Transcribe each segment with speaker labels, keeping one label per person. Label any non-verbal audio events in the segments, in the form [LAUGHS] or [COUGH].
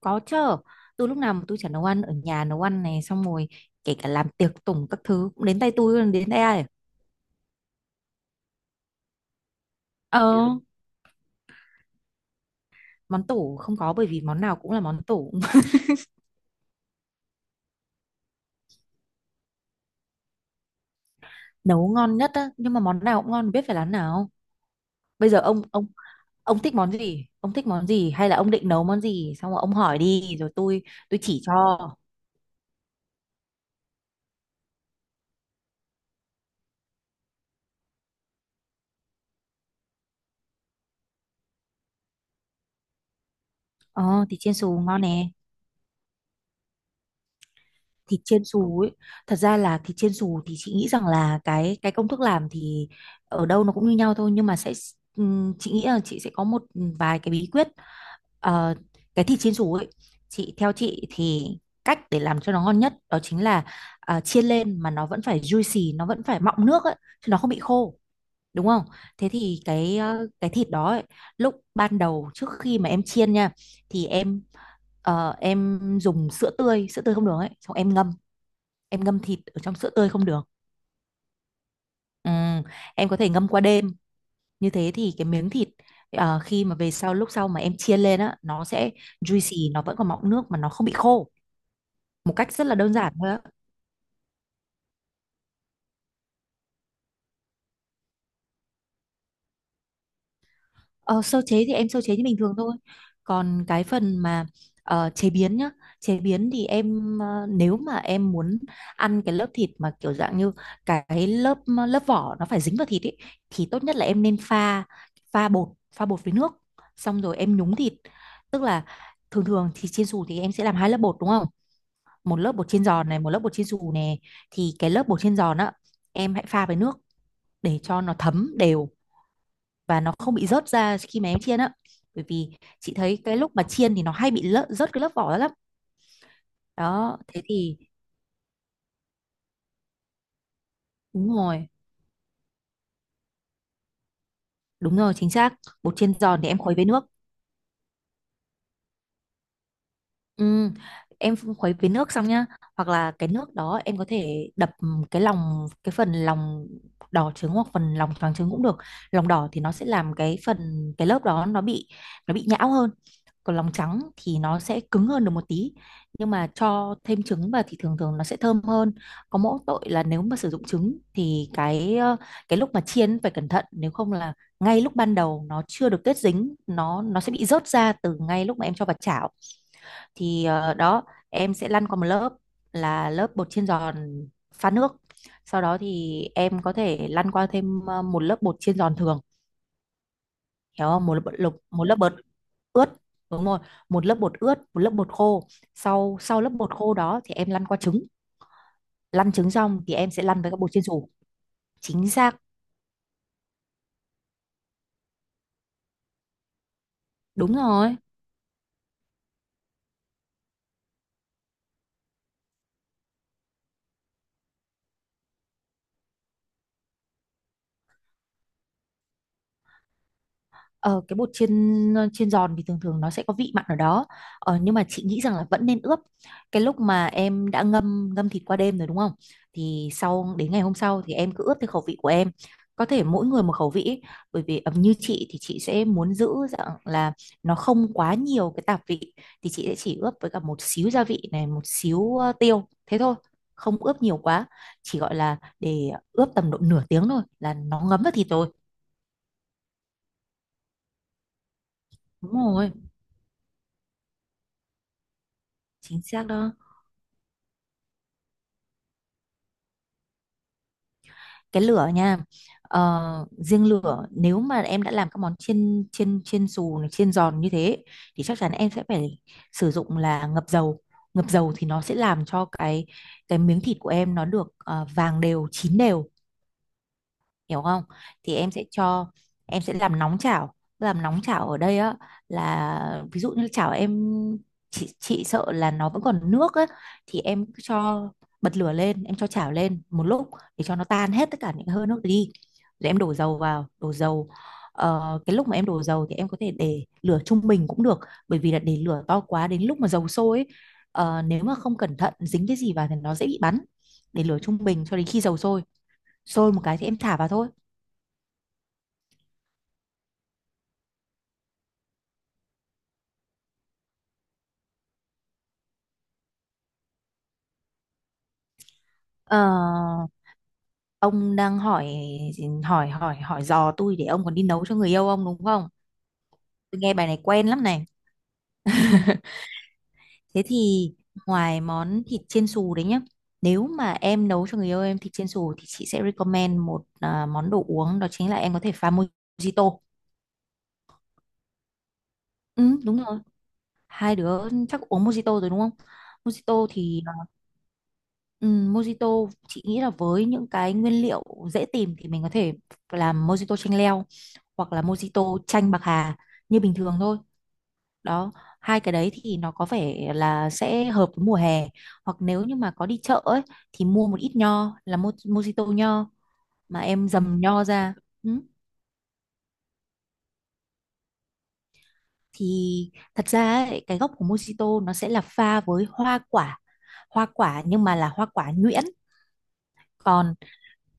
Speaker 1: Có chứ, tôi lúc nào mà tôi chả nấu ăn ở nhà. Nấu ăn này xong rồi kể cả làm tiệc tùng các thứ cũng đến tay tôi, đến tay ai. Ờ, món tủ không có bởi vì món nào cũng là món tủ. [LAUGHS] Nấu ngon nhất á, nhưng mà món nào cũng ngon biết phải làm nào. Bây giờ ông ông thích món gì? Ông thích món gì hay là ông định nấu món gì? Xong rồi ông hỏi đi rồi tôi chỉ cho. Ờ thì chiên xù ngon nè. Thịt chiên xù ấy, thật ra là thịt chiên xù thì chị nghĩ rằng là cái công thức làm thì ở đâu nó cũng như nhau thôi, nhưng mà sẽ chị nghĩ là chị sẽ có một vài cái bí quyết. Ờ, cái thịt chiên xù ấy, chị theo chị thì cách để làm cho nó ngon nhất đó chính là chiên lên mà nó vẫn phải juicy, nó vẫn phải mọng nước ấy, chứ nó không bị khô, đúng không? Thế thì cái cái thịt đó ấy, lúc ban đầu trước khi mà em chiên nha, thì em em dùng sữa tươi, sữa tươi không đường ấy, xong em ngâm, em ngâm thịt ở trong sữa tươi không được. Ừ, em có thể ngâm qua đêm. Như thế thì cái miếng thịt khi mà về sau, lúc sau mà em chiên lên á, nó sẽ juicy, nó vẫn còn mọng nước mà nó không bị khô, một cách rất là đơn giản thôi á. Ờ, sơ chế thì em sơ chế như bình thường thôi. Còn cái phần mà chế biến nhá, chế biến thì em nếu mà em muốn ăn cái lớp thịt mà kiểu dạng như cái lớp lớp vỏ nó phải dính vào thịt ấy, thì tốt nhất là em nên pha, pha bột, pha bột với nước, xong rồi em nhúng thịt. Tức là thường thường thì chiên xù thì em sẽ làm hai lớp bột đúng không? Một lớp bột chiên giòn này, một lớp bột chiên xù này, thì cái lớp bột chiên giòn á, em hãy pha với nước để cho nó thấm đều và nó không bị rớt ra khi mà em chiên á. Bởi vì chị thấy cái lúc mà chiên thì nó hay bị lỡ, rớt cái lớp vỏ ra lắm. Đó thế thì đúng rồi, đúng rồi chính xác. Bột chiên giòn thì em khuấy với nước. Ừ, em khuấy với nước xong nhá, hoặc là cái nước đó em có thể đập cái lòng, cái phần lòng đỏ trứng hoặc phần lòng trắng trứng cũng được. Lòng đỏ thì nó sẽ làm cái phần cái lớp đó nó bị nhão hơn, còn lòng trắng thì nó sẽ cứng hơn được một tí, nhưng mà cho thêm trứng vào thì thường thường nó sẽ thơm hơn. Có mỗi tội là nếu mà sử dụng trứng thì cái cái lúc mà chiên phải cẩn thận, nếu không là ngay lúc ban đầu nó chưa được kết dính, nó sẽ bị rớt ra từ ngay lúc mà em cho vào chảo. Thì đó, em sẽ lăn qua một lớp là lớp bột chiên giòn pha nước, sau đó thì em có thể lăn qua thêm một lớp bột chiên giòn thường, hiểu không? Một lớp bột lục, một lớp bột ướt, đúng rồi, một lớp bột ướt, một lớp bột khô. Sau sau lớp bột khô đó thì em lăn qua trứng, lăn trứng xong thì em sẽ lăn với các bột chiên xù. Chính xác, đúng rồi. Ờ, cái bột chiên, chiên giòn thì thường thường nó sẽ có vị mặn ở đó. Ờ, nhưng mà chị nghĩ rằng là vẫn nên ướp. Cái lúc mà em đã ngâm ngâm thịt qua đêm rồi, đúng không, thì sau đến ngày hôm sau thì em cứ ướp theo khẩu vị của em. Có thể mỗi người một khẩu vị ấy. Bởi vì như chị thì chị sẽ muốn giữ dạng là nó không quá nhiều cái tạp vị, thì chị sẽ chỉ ướp với cả một xíu gia vị này, một xíu tiêu, thế thôi. Không ướp nhiều quá, chỉ gọi là để ướp tầm độ nửa tiếng thôi là nó ngấm vào thịt rồi. Đúng rồi chính xác đó. Cái lửa nha, ờ, riêng lửa nếu mà em đã làm các món chiên, chiên xù này, chiên giòn như thế, thì chắc chắn em sẽ phải sử dụng là ngập dầu. Ngập dầu thì nó sẽ làm cho cái miếng thịt của em nó được vàng đều, chín đều, hiểu không? Thì em sẽ cho, em sẽ làm nóng chảo, làm nóng chảo ở đây á, là ví dụ như chảo em, chị sợ là nó vẫn còn nước á, thì em cứ cho, bật lửa lên, em cho chảo lên một lúc để cho nó tan hết tất cả những hơi nước đi, rồi em đổ dầu vào, đổ dầu. Ờ, cái lúc mà em đổ dầu thì em có thể để lửa trung bình cũng được, bởi vì là để lửa to quá, đến lúc mà dầu sôi ấy, nếu mà không cẩn thận dính cái gì vào thì nó dễ bị bắn. Để lửa trung bình cho đến khi dầu sôi, sôi một cái thì em thả vào thôi. Ờ, ông đang hỏi, hỏi dò tôi để ông còn đi nấu cho người yêu ông đúng không? Tôi nghe bài này quen lắm này. [LAUGHS] Thế thì ngoài món thịt chiên xù đấy nhá, nếu mà em nấu cho người yêu em thịt chiên xù thì chị sẽ recommend một à, món đồ uống đó chính là em có thể pha mojito. Ừ, đúng rồi. Hai đứa chắc uống mojito rồi đúng không? Mojito thì à, ừ, mojito chị nghĩ là với những cái nguyên liệu dễ tìm thì mình có thể làm mojito chanh leo, hoặc là mojito chanh bạc hà như bình thường thôi. Đó, hai cái đấy thì nó có vẻ là sẽ hợp với mùa hè. Hoặc nếu như mà có đi chợ ấy, thì mua một ít nho, là mojito nho, mà em dầm nho ra, ừ. Thì thật ra ấy, cái gốc của mojito nó sẽ là pha với hoa quả, hoa quả nhưng mà là hoa quả nhuyễn. Còn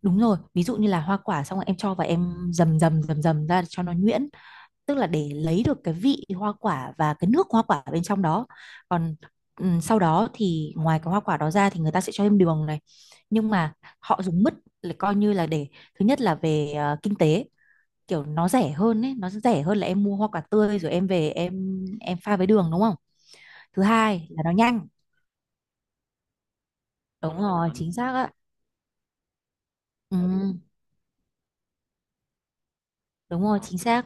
Speaker 1: đúng rồi, ví dụ như là hoa quả xong rồi em cho và em dầm dầm dầm dầm ra để cho nó nhuyễn, tức là để lấy được cái vị hoa quả và cái nước hoa quả bên trong đó. Còn sau đó thì ngoài cái hoa quả đó ra thì người ta sẽ cho thêm đường này, nhưng mà họ dùng mứt là coi như là để, thứ nhất là về kinh tế, kiểu nó rẻ hơn ấy, nó rẻ hơn là em mua hoa quả tươi rồi em về em pha với đường đúng không. Thứ hai là nó nhanh. Đúng rồi, chính xác ạ. Ừ, đúng rồi chính xác,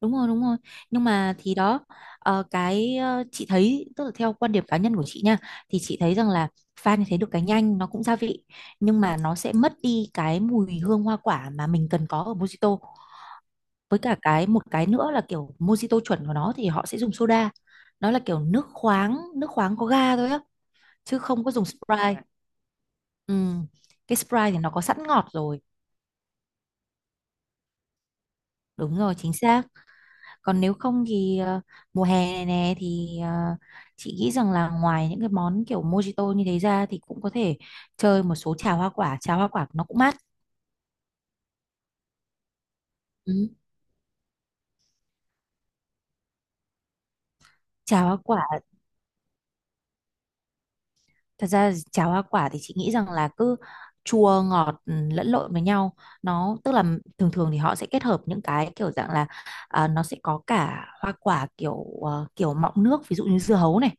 Speaker 1: đúng rồi, đúng rồi. Nhưng mà thì đó, ờ, cái chị thấy tức là theo quan điểm cá nhân của chị nha, thì chị thấy rằng là pha như thế được cái nhanh, nó cũng gia vị, nhưng mà nó sẽ mất đi cái mùi hương hoa quả mà mình cần có ở mojito. Với cả cái một cái nữa là kiểu mojito chuẩn của nó thì họ sẽ dùng soda. Nó là kiểu nước khoáng, nước khoáng có ga thôi á, chứ không có dùng Sprite. Ừ, cái Sprite thì nó có sẵn ngọt rồi. Đúng rồi chính xác. Còn nếu không thì mùa hè này nè thì chị nghĩ rằng là ngoài những cái món kiểu mojito như thế ra thì cũng có thể chơi một số trà hoa quả. Trà hoa quả nó cũng mát. Ừ. Trà hoa quả, thật ra cháo hoa quả thì chị nghĩ rằng là cứ chua ngọt, ừ, lẫn lộn với nhau. Nó tức là thường thường thì họ sẽ kết hợp những cái kiểu dạng là nó sẽ có cả hoa quả kiểu kiểu mọng nước, ví dụ như dưa hấu này,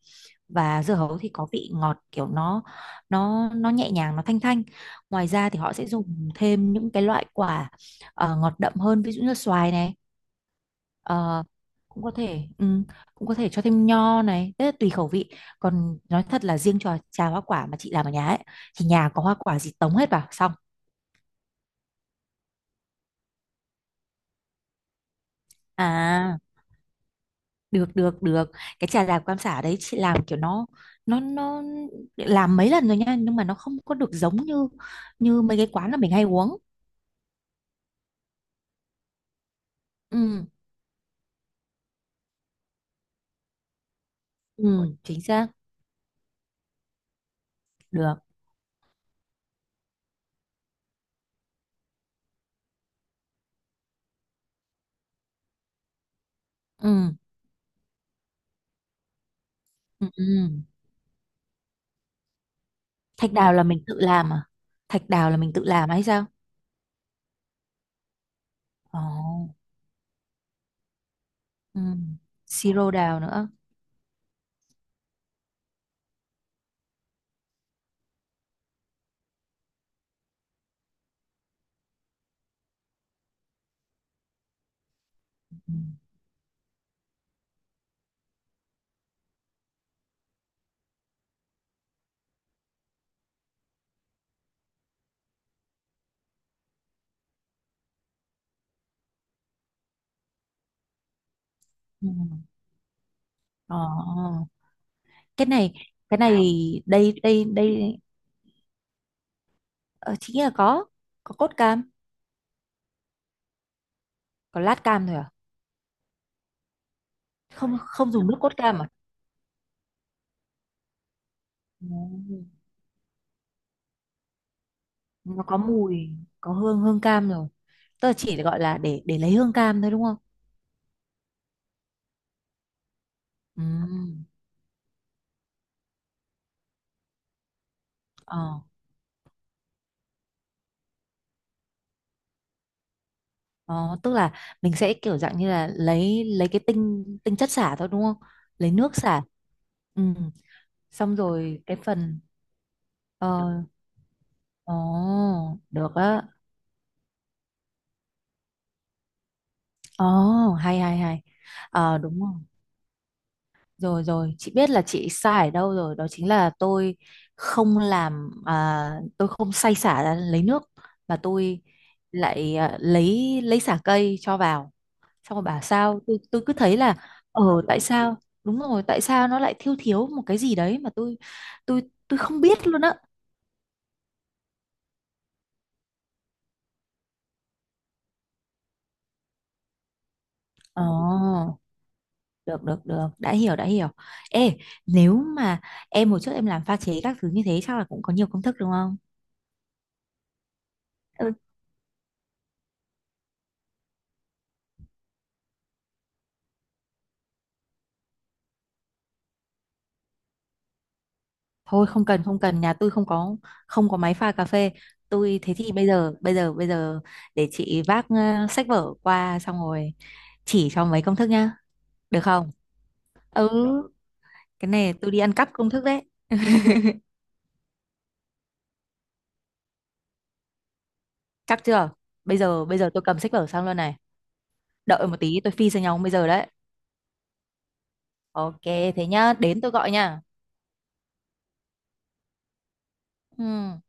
Speaker 1: và dưa hấu thì có vị ngọt kiểu nó, nó nhẹ nhàng, nó thanh thanh. Ngoài ra thì họ sẽ dùng thêm những cái loại quả ngọt đậm hơn, ví dụ như xoài này. Ờ, cũng có thể ừ, cũng có thể cho thêm nho này, tức là tùy khẩu vị. Còn nói thật là riêng trò trà hoa quả mà chị làm ở nhà ấy, thì nhà có hoa quả gì tống hết vào xong. À, được được được. Cái trà đào cam xả đấy chị làm kiểu nó, nó làm mấy lần rồi nha, nhưng mà nó không có được giống như như mấy cái quán là mình hay uống. Ừ, ừ chính xác. Được. Ừ. Ừ, ừ. Thạch đào là mình tự làm à? Thạch đào là mình tự làm hay sao? Ồ. Ừ. Siro đào nữa. Ừ. Ừ. Ồ, cái này, cái này đây đây đây. Ờ, chị nghĩ là có cốt cam. Có lát cam thôi à? Không, không dùng nước cốt cam à? Ừ. Nó có mùi, có hương, hương cam rồi. Tức là chỉ gọi là để lấy hương cam thôi đúng không. Ừ. ờ, ờ, tức là mình sẽ kiểu dạng như là lấy cái tinh tinh chất xả thôi đúng không lấy nước xả. Ừ. Xong rồi cái phần, ờ, ồ, được á, ồ, hay hay hay. Ờ đúng rồi. Rồi rồi, chị biết là chị sai ở đâu rồi, đó chính là tôi không làm à, tôi không xay xả ra lấy nước, mà tôi lại à, lấy xả cây cho vào. Xong rồi bảo sao tôi cứ thấy là, ờ tại sao? Đúng rồi, tại sao nó lại thiếu, thiếu một cái gì đấy mà tôi tôi không biết luôn á. Ờ, được được được, đã hiểu đã hiểu. Ê, nếu mà em hồi trước em làm pha chế các thứ như thế chắc là cũng có nhiều công thức đúng không? Thôi không cần, không cần, nhà tôi không có, không có máy pha cà phê. Tôi thế thì bây giờ bây giờ để chị vác sách vở qua, xong rồi chỉ cho mấy công thức nhá, được không? Ừ, cái này tôi đi ăn cắp công thức đấy. Chắc chưa, bây giờ tôi cầm sách vở sang luôn này, đợi một tí tôi phi sang nhau bây giờ đấy. Ok, thế nhá, đến tôi gọi nha. Ừ.